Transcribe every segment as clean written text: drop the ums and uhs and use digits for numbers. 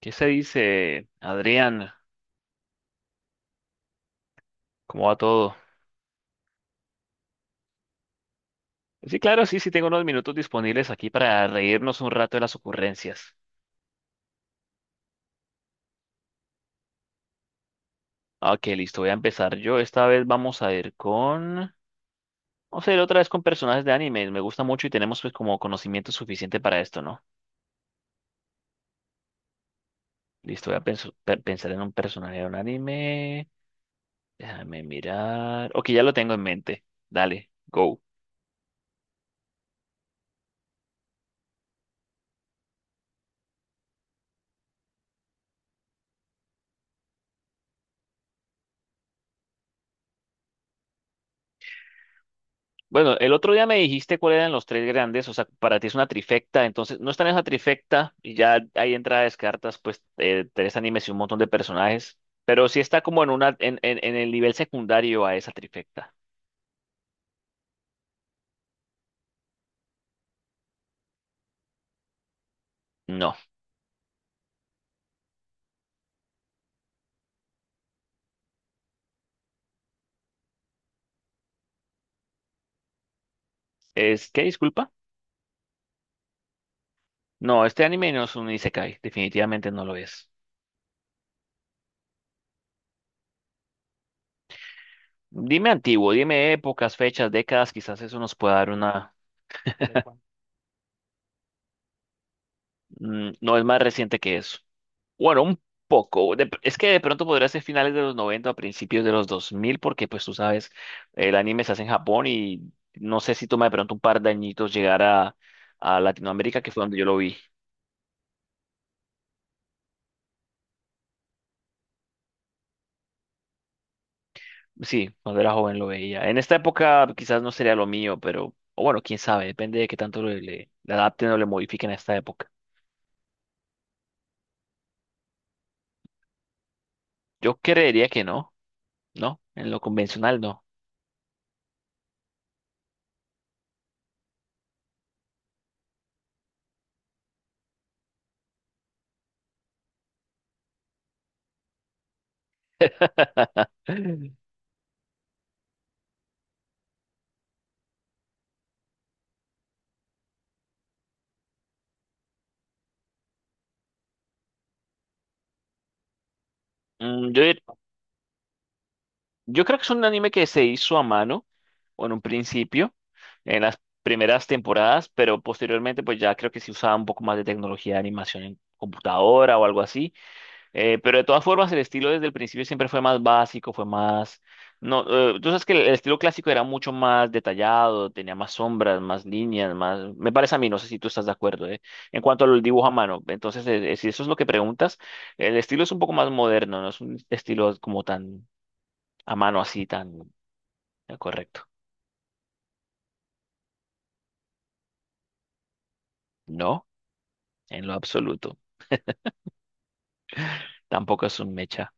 ¿Qué se dice, Adrián? ¿Cómo va todo? Sí, claro, sí, sí, tengo unos minutos disponibles aquí para reírnos un rato de las ocurrencias. Ok, listo, voy a empezar yo. Esta vez vamos a ir con... Vamos a ir otra vez con personajes de anime. Me gusta mucho y tenemos pues como conocimiento suficiente para esto, ¿no? Listo, voy a pensar en un personaje de un anime. Déjame mirar. Ok, ya lo tengo en mente. Dale, go. Bueno, el otro día me dijiste cuáles eran los tres grandes, o sea, para ti es una trifecta, entonces no está en esa trifecta y ya ahí entra descartas, pues tres animes y un montón de personajes, pero sí está como en una en el nivel secundario a esa trifecta. No, es que disculpa, no, este anime no es un isekai, definitivamente no lo es. Dime antiguo, dime épocas, fechas, décadas, quizás eso nos pueda dar una, no es más reciente que eso. Bueno, un poco. Es que de pronto podría ser finales de los 90 a principios de los 2000 porque pues tú sabes, el anime se hace en Japón y no sé si toma de pronto un par de añitos llegar a Latinoamérica, que fue donde yo lo vi. Sí, cuando era joven lo veía. En esta época quizás no sería lo mío, pero o bueno, quién sabe, depende de qué tanto le adapten o le modifiquen a esta época. Yo creería que no, ¿no? En lo convencional no. Mm, yo Yo creo que es un anime que se hizo a mano, o en un principio, en las primeras temporadas, pero posteriormente pues ya creo que se usaba un poco más de tecnología de animación en computadora o algo así. Pero de todas formas el estilo desde el principio siempre fue más básico, fue más... No, tú sabes que el estilo clásico era mucho más detallado, tenía más sombras, más líneas, más... Me parece a mí, no sé si tú estás de acuerdo, ¿eh? En cuanto al dibujo a mano, entonces si eso es lo que preguntas, el estilo es un poco más moderno, no es un estilo como tan a mano así tan correcto. No, en lo absoluto. Tampoco es un mecha.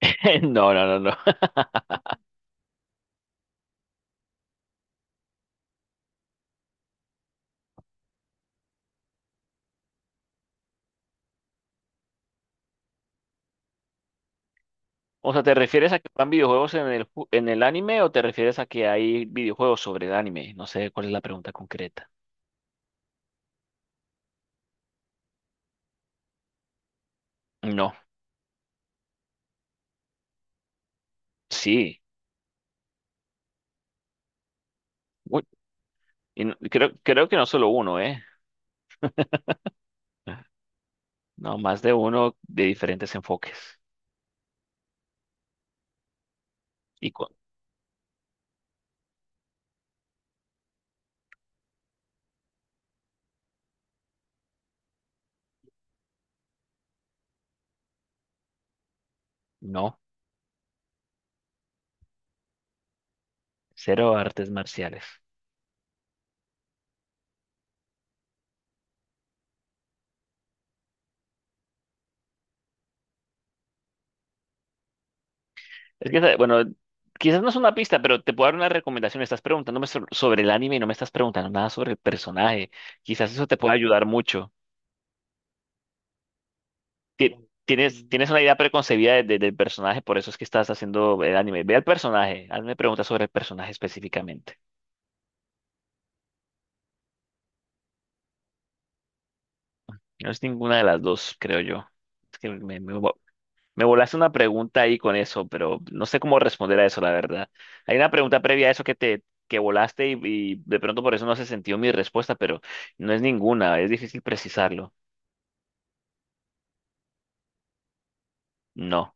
No, no, no, no. O sea, ¿te refieres a que van videojuegos en en el anime o te refieres a que hay videojuegos sobre el anime? No sé cuál es la pregunta concreta. No, sí. Uy, y creo, creo que no solo uno, ¿eh? No, más de uno de diferentes enfoques. Y con, no, cero artes marciales. Es que, bueno, quizás no es una pista, pero te puedo dar una recomendación. Estás preguntándome sobre el anime y no me estás preguntando nada sobre el personaje. Quizás eso te pueda ayudar mucho. Ti- Tienes, tienes una idea preconcebida del personaje, por eso es que estás haciendo el anime. Ve al personaje, hazme preguntas sobre el personaje específicamente. No es ninguna de las dos, creo yo. Es que me volaste una pregunta ahí con eso, pero no sé cómo responder a eso, la verdad. Hay una pregunta previa a eso que te que volaste y de pronto por eso no se sintió mi respuesta, pero no es ninguna, es difícil precisarlo. No,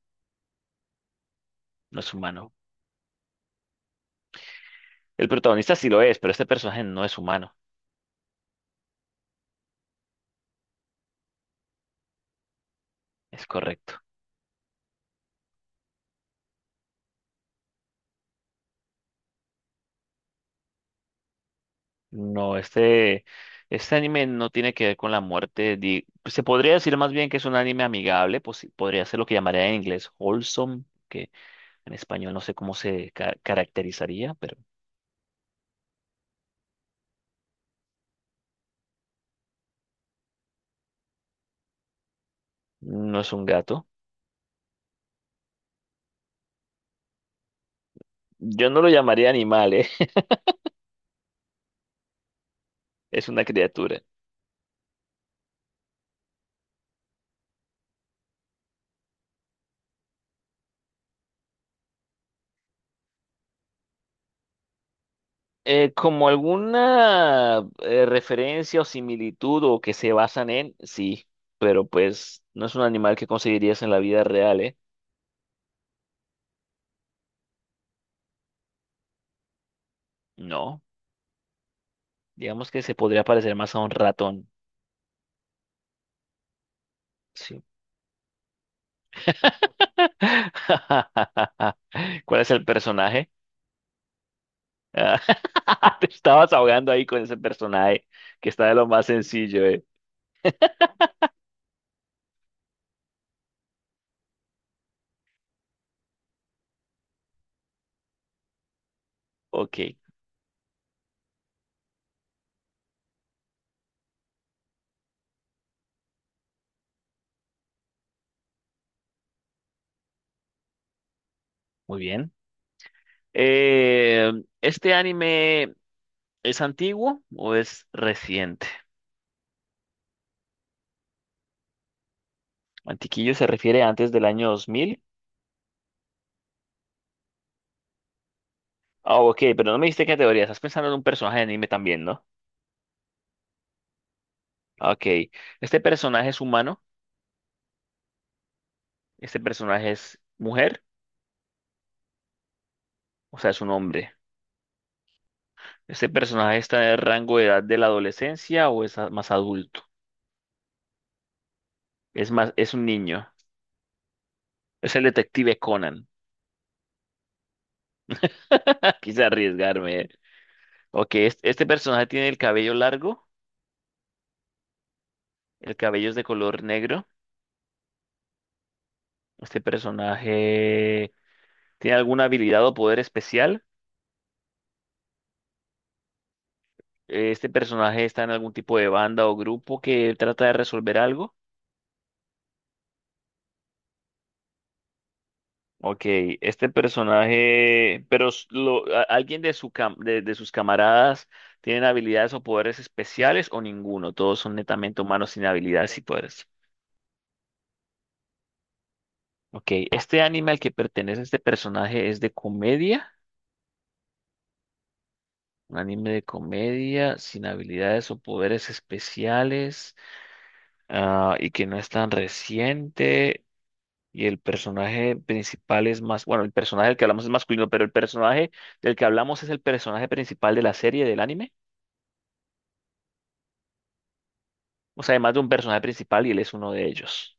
no es humano. El protagonista sí lo es, pero este personaje no es humano. Es correcto. No, este anime no tiene que ver con la muerte. Se podría decir más bien que es un anime amigable, pues sí, podría ser lo que llamaría en inglés wholesome, que en español no sé cómo se caracterizaría, pero. No es un gato. Yo no lo llamaría animal, ¿eh? Es una criatura. Como alguna referencia o similitud o que se basan en, sí, pero pues no es un animal que conseguirías en la vida real, ¿eh? No, digamos que se podría parecer más a un ratón. Sí. ¿Cuál es el personaje? Ah, te estabas ahogando ahí con ese personaje que está de lo más sencillo, ¿eh? Ok, muy bien. Eh, ¿Este anime es antiguo o es reciente? Antiquillo se refiere a antes del año 2000. Ah, ok, pero no me diste categoría. Estás pensando en un personaje de anime también, ¿no? Ah, Ok. ¿Este personaje es humano? ¿Este personaje es mujer? O sea, es un hombre. ¿Este personaje está en el rango de edad de la adolescencia o es más adulto? Es más, es un niño. Es el detective Conan. Quise arriesgarme, eh. Ok, ¿este personaje tiene el cabello largo? ¿El cabello es de color negro? Este personaje tiene alguna habilidad o poder especial. Este personaje está en algún tipo de banda o grupo que trata de resolver algo. Ok, este personaje, pero alguien de, de sus camaradas tienen habilidades o poderes especiales o ninguno. Todos son netamente humanos sin habilidades y poderes. Ok, este anime al que pertenece este personaje es de comedia. Un anime de comedia sin habilidades o poderes especiales, y que no es tan reciente. Y el personaje principal es más, bueno, el personaje del que hablamos es masculino, pero el personaje del que hablamos es el personaje principal de la serie, del anime. O sea, además de un personaje principal y él es uno de ellos.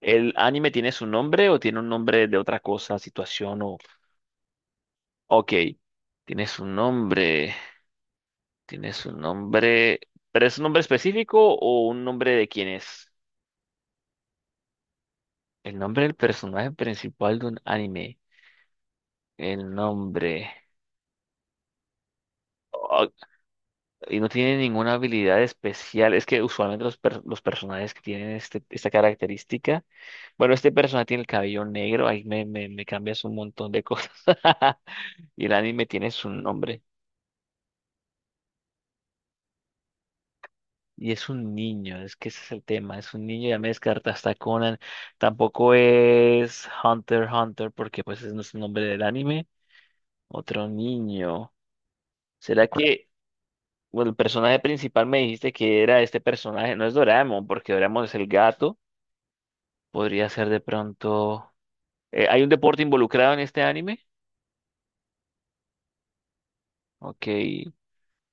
¿El anime tiene su nombre o tiene un nombre de otra cosa, situación o... Ok, tiene su nombre, tiene su nombre, pero ¿es un nombre específico o un nombre de quién es? El nombre del personaje principal de un anime. El nombre. Oh, y no tiene ninguna habilidad especial. Es que usualmente los personajes que tienen este, esta característica. Bueno, este personaje tiene el cabello negro. Ahí me cambias un montón de cosas. Y el anime tiene su nombre. Y es un niño. Es que ese es el tema. Es un niño. Ya me descartaste a Conan. Tampoco es Hunter x Hunter porque pues ese no es el nombre del anime. Otro niño. ¿Será que bueno, el personaje principal me dijiste que era este personaje? No es Doraemon porque Doraemon es el gato. Podría ser de pronto. ¿Hay un deporte involucrado en este anime? Ok.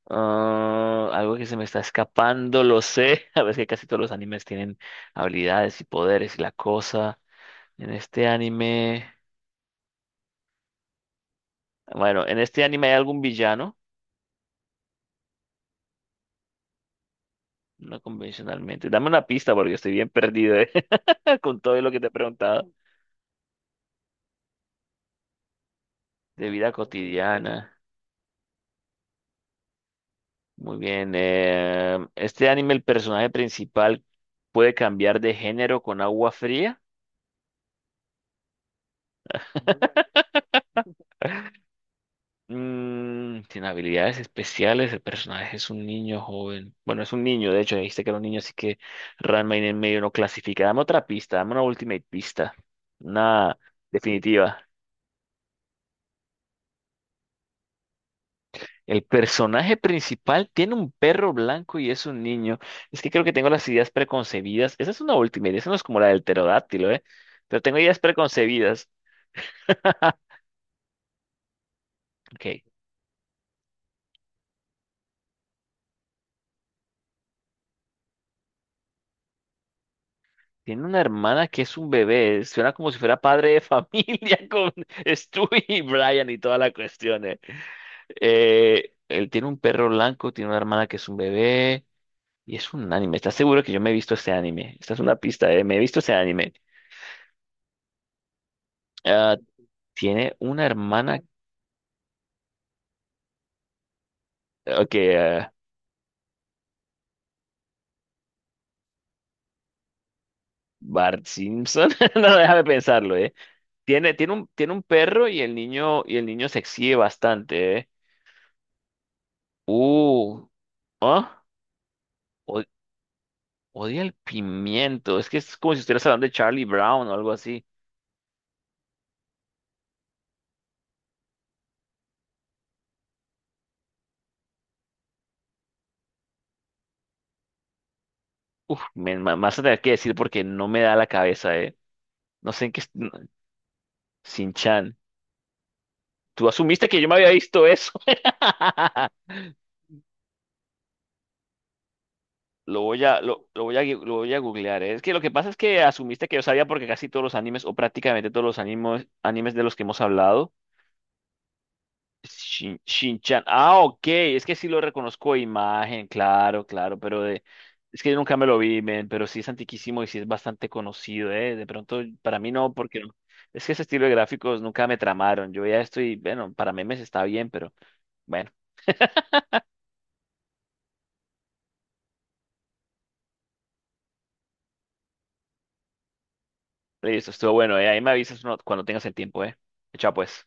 Algo que se me está escapando, lo sé. A ver, es que casi todos los animes tienen habilidades y poderes y la cosa. En este anime. Bueno, en este anime hay algún villano. No convencionalmente. Dame una pista porque estoy bien perdido, con todo lo que te he preguntado. De vida cotidiana. Muy bien. Este anime, el personaje principal puede cambiar de género con agua fría. Mm, sin habilidades especiales, el personaje es un niño joven. Bueno, es un niño, de hecho, dijiste que era un niño, así que Ranma en el medio no clasifica. Dame otra pista, dame una ultimate pista. Una definitiva. El personaje principal tiene un perro blanco y es un niño. Es que creo que tengo las ideas preconcebidas. Esa es una ultimate, esa no es como la del pterodáctilo, ¿eh? Pero tengo ideas preconcebidas. Ok. Tiene una hermana que es un bebé. Suena como si fuera padre de familia con Stu y Brian y toda la cuestión. Él tiene un perro blanco, tiene una hermana que es un bebé. Y es un anime. ¿Estás seguro que yo me he visto este anime? Esta es una pista, eh. Me he visto este anime. Ah, tiene una hermana. Ok, ah, Bart Simpson. No, déjame pensarlo, eh. Tiene, tiene un perro y el niño se exhibe bastante, eh. Uh. ¿Ah? Odia el pimiento. Es que es como si estuvieras hablando de Charlie Brown o algo así. Uf, me vas a tener que decir porque no me da la cabeza, eh. No sé en qué. No, Sin Chan. Tú asumiste que yo me había visto eso. Lo voy a, lo voy a, lo voy a googlear, eh. Es que lo que pasa es que asumiste que yo sabía porque casi todos los animes, o prácticamente todos los animes, animes de los que hemos hablado. Shin-chan. Ah, ok. Es que sí lo reconozco de imagen, claro, claro, pero de... es que yo nunca me lo vi, men, pero sí es antiquísimo y sí es bastante conocido, ¿eh? De pronto, para mí no, porque no. Es que ese estilo de gráficos nunca me tramaron. Yo ya estoy, bueno, para memes está bien, pero bueno, listo, estuvo bueno, ¿eh? Ahí me avisas cuando tengas el tiempo, ¿eh? Chao, pues.